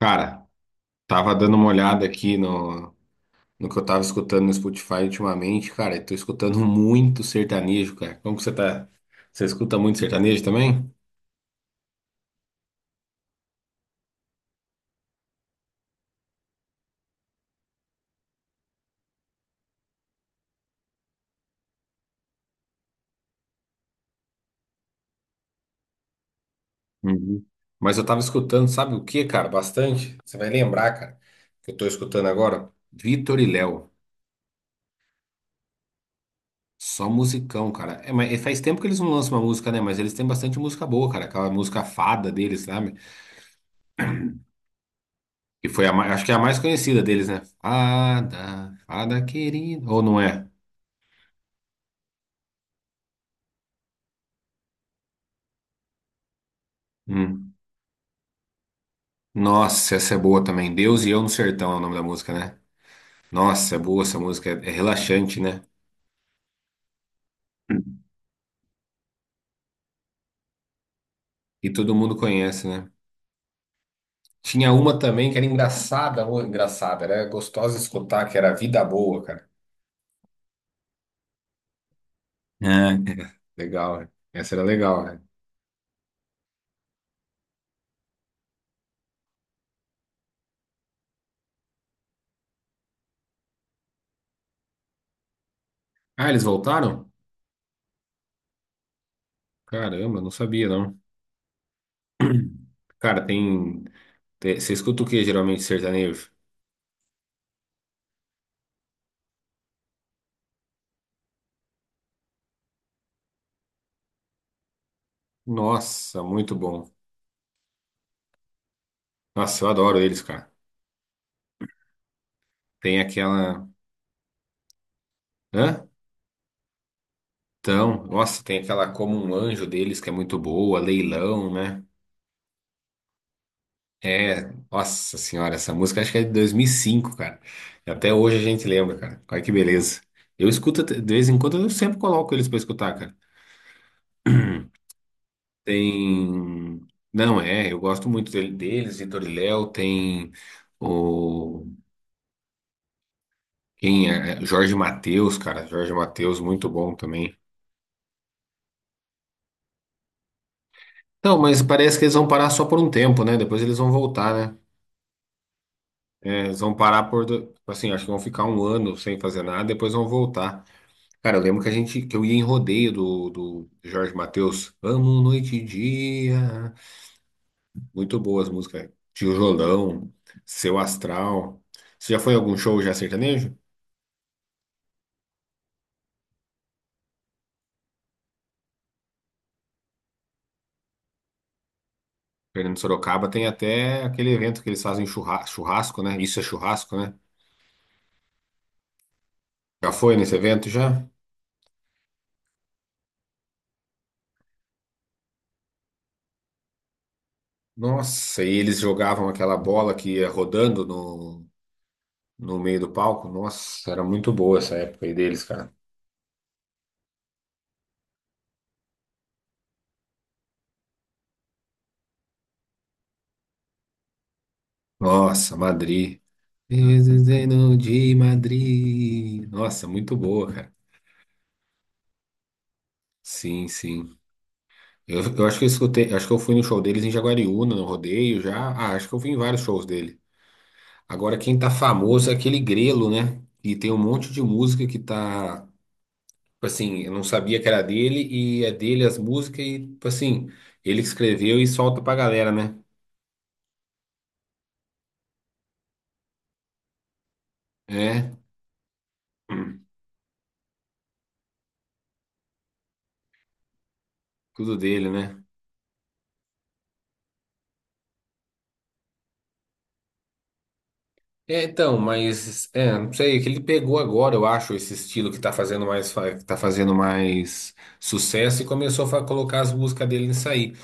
Cara, tava dando uma olhada aqui no que eu tava escutando no Spotify ultimamente, cara, e tô escutando muito sertanejo, cara. Como que você tá? Você escuta muito sertanejo também? Uhum. Mas eu tava escutando, sabe o que, cara? Bastante. Você vai lembrar, cara, que eu tô escutando agora? Vitor e Léo. Só musicão, cara. É, mas e faz tempo que eles não lançam uma música, né? Mas eles têm bastante música boa, cara. Aquela música Fada deles, sabe? Que foi a mais, acho que é a mais conhecida deles, né? Fada, Fada querida. Ou não é? Hum. Nossa, essa é boa também. Deus e Eu no Sertão é o nome da música, né? Nossa, é boa essa música. É, é relaxante, né? E todo mundo conhece, né? Tinha uma também que era engraçada, ou engraçada, era gostosa de escutar, que era Vida Boa, cara. É. Legal, né? Essa era legal, né? Ah, eles voltaram? Caramba, não sabia, não. Cara, tem. Você escuta o que geralmente sertanejo? Nossa, muito bom. Nossa, eu adoro eles, cara. Tem aquela. Hã? Então, nossa, tem aquela Como um Anjo deles que é muito boa, Leilão, né? É, nossa senhora, essa música acho que é de 2005, cara. Até hoje a gente lembra, cara. Olha que beleza. Eu escuto, de vez em quando eu sempre coloco eles pra escutar, cara. Tem. Não, é, eu gosto muito deles, Vitor e Léo, tem o. Quem é? É, Jorge Mateus, cara. Jorge Mateus, muito bom também. Não, mas parece que eles vão parar só por um tempo, né? Depois eles vão voltar, né? Eles vão parar por, tipo assim, acho que vão ficar um ano sem fazer nada, depois vão voltar. Cara, eu lembro que a gente, que eu ia em rodeio do, do Jorge Mateus. Amo noite e dia. Muito boas músicas. Tijolão, Seu Astral. Você já foi a algum show já sertanejo? Fernando Sorocaba tem até aquele evento que eles fazem churrasco, né? Isso é churrasco, né? Já foi nesse evento já? Nossa, e eles jogavam aquela bola que ia rodando no, no meio do palco. Nossa, era muito boa essa época aí deles, cara. Nossa, Madrid. Desenho de Madrid. Nossa, muito boa, cara. Sim, sim. Eu acho que eu escutei, acho que eu fui no show deles em Jaguariúna, no rodeio já. Ah, acho que eu fui em vários shows dele. Agora, quem tá famoso é aquele Grelo, né? E tem um monte de música que tá, tipo assim, eu não sabia que era dele e é dele as músicas e, tipo assim, ele que escreveu e solta pra galera, né? É, hum, tudo dele, né? É, então, mas é, não sei, é que ele pegou agora, eu acho, esse estilo que tá fazendo mais, que tá fazendo mais sucesso e começou a colocar as músicas dele nisso aí.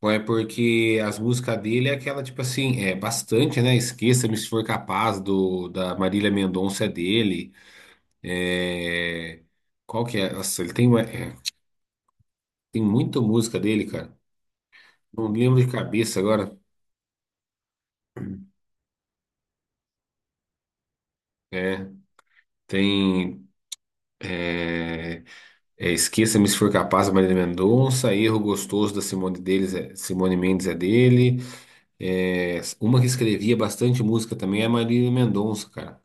Ou é porque as músicas dele é aquela, tipo assim, é bastante, né? Esqueça-me se for capaz do da Marília Mendonça é dele. É, qual que é? Nossa, ele tem, é, tem muita música dele, cara. Não lembro de cabeça agora. É, tem. é, É, Esqueça-me se for capaz, da Marília Mendonça. Erro Gostoso da Simone deles, Simone Mendes é dele. É, uma que escrevia bastante música também é a Marília Mendonça, cara.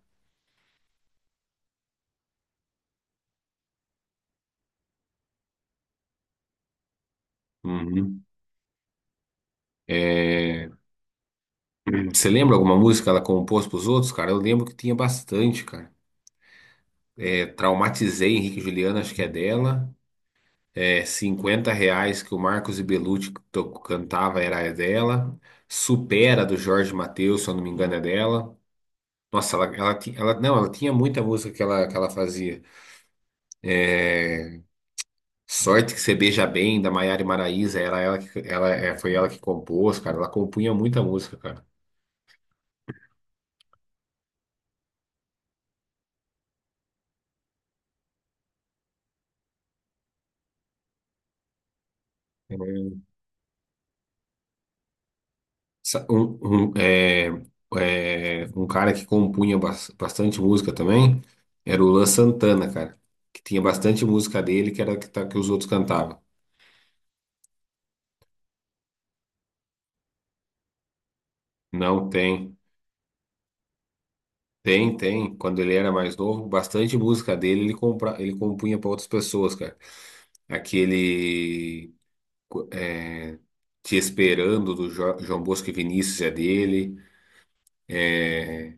Uhum. É, você lembra alguma música que ela compôs para os outros, cara? Eu lembro que tinha bastante, cara. É, Traumatizei Henrique e Juliana, acho que é dela. É, R$ 50 que o Marcos e Belucci cantava era dela. Supera do Jorge Mateus, se eu não me engano, é dela. Nossa, ela, não, ela tinha muita música que ela fazia. É, Sorte que você beija bem, da Maiara e Maraíza, era ela que, ela, é, foi ela que compôs, cara. Ela compunha muita música, cara. É, sa- Um, um, é, um cara que compunha bastante música também era o Luan Santana, cara. Que tinha bastante música dele que era que, que os outros cantavam. Não tem. Tem, tem. Quando ele era mais novo, bastante música dele ele, compra, ele compunha para outras pessoas, cara. Aquele. É, Te Esperando, do João Bosco e Vinícius, é dele. É,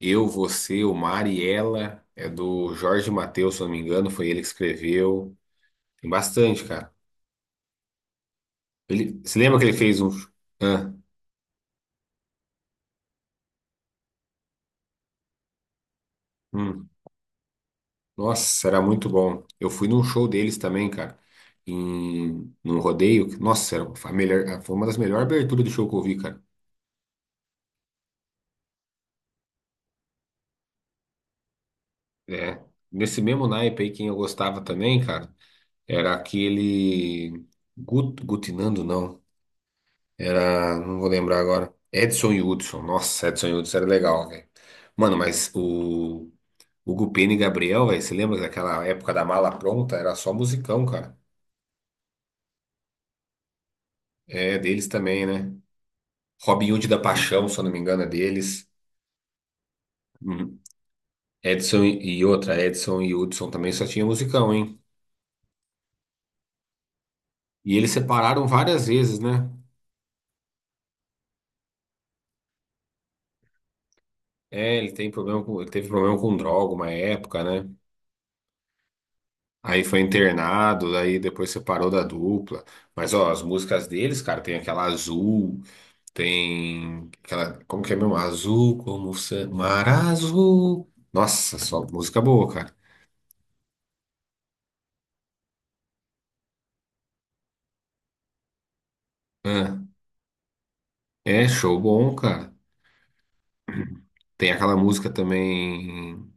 Eu, Você, o Mar e Ela, é do Jorge Mateus, se eu não me engano, foi ele que escreveu. Tem bastante, cara. Ele... Você lembra que ele fez um... Ah, hum. Nossa, era muito bom. Eu fui num show deles também, cara. Em... Num rodeio. Nossa, era... foi a melhor... foi uma das melhores aberturas de show que eu vi, cara. É. Nesse mesmo naipe aí, quem eu gostava também, cara. Era aquele. Gutinando, não. Era. Não vou lembrar agora. Edson e Hudson. Nossa, Edson e Hudson era legal, velho. Mano, mas o. Hugo Pena e Gabriel, velho. Você lembra daquela época da mala pronta? Era só musicão, cara. É, deles também, né? Robin Hood da Paixão, se eu não me engano, é deles. Uhum. Edson e outra, Edson e Hudson também só tinha musicão, hein? E eles separaram várias vezes, né? É, ele tem problema com, ele teve problema com droga uma época, né? Aí foi internado, aí depois separou da dupla. Mas ó, as músicas deles, cara, tem aquela azul, tem aquela, como que é mesmo? Azul como mar azul. Nossa, só música boa, cara. Ah, é show bom, cara. Tem aquela música também,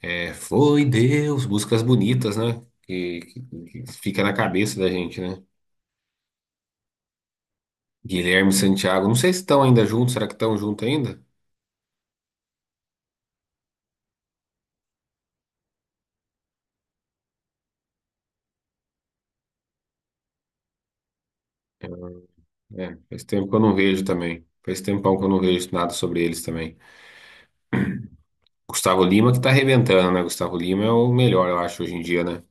é, Foi Deus, músicas bonitas, né? Que fica na cabeça da gente, né? Guilherme e Santiago, não sei se estão ainda juntos, será que estão juntos ainda? É, faz tempo que eu não vejo também. Faz tempão que eu não vejo nada sobre eles também. Gustavo Lima que tá arrebentando, né? Gustavo Lima é o melhor, eu acho, hoje em dia, né?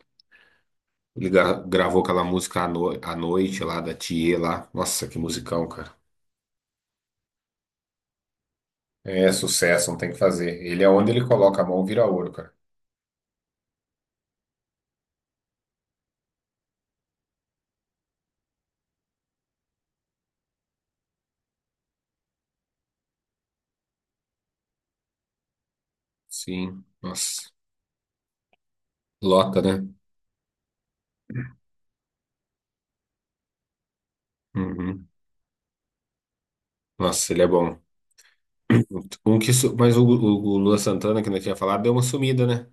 Ele gravou aquela música à, à noite lá, da Thier lá. Nossa, que musicão, cara. É sucesso, não tem o que fazer. Ele é onde ele coloca a mão, vira ouro, cara. Sim, nossa. Lota, né? Uhum. Nossa, ele é bom. Um que, mas o Luan Santana, que não tinha falado, deu uma sumida, né?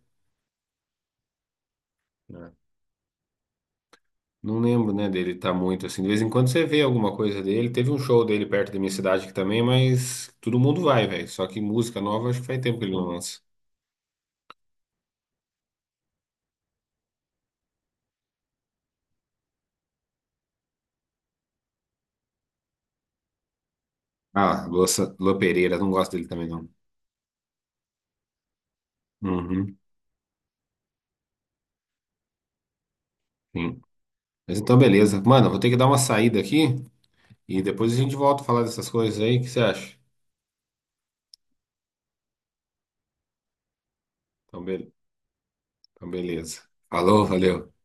Não lembro, né, dele tá muito assim. De vez em quando você vê alguma coisa dele. Teve um show dele perto da minha cidade aqui também, mas todo mundo vai, velho. Só que música nova, acho que faz tempo que ele não lança. Ah, Lua Pereira, não gosto dele também, não. Uhum, sim. Mas então, beleza. Mano, eu vou ter que dar uma saída aqui e depois a gente volta a falar dessas coisas aí. O que você acha? Então, então beleza. Falou, valeu.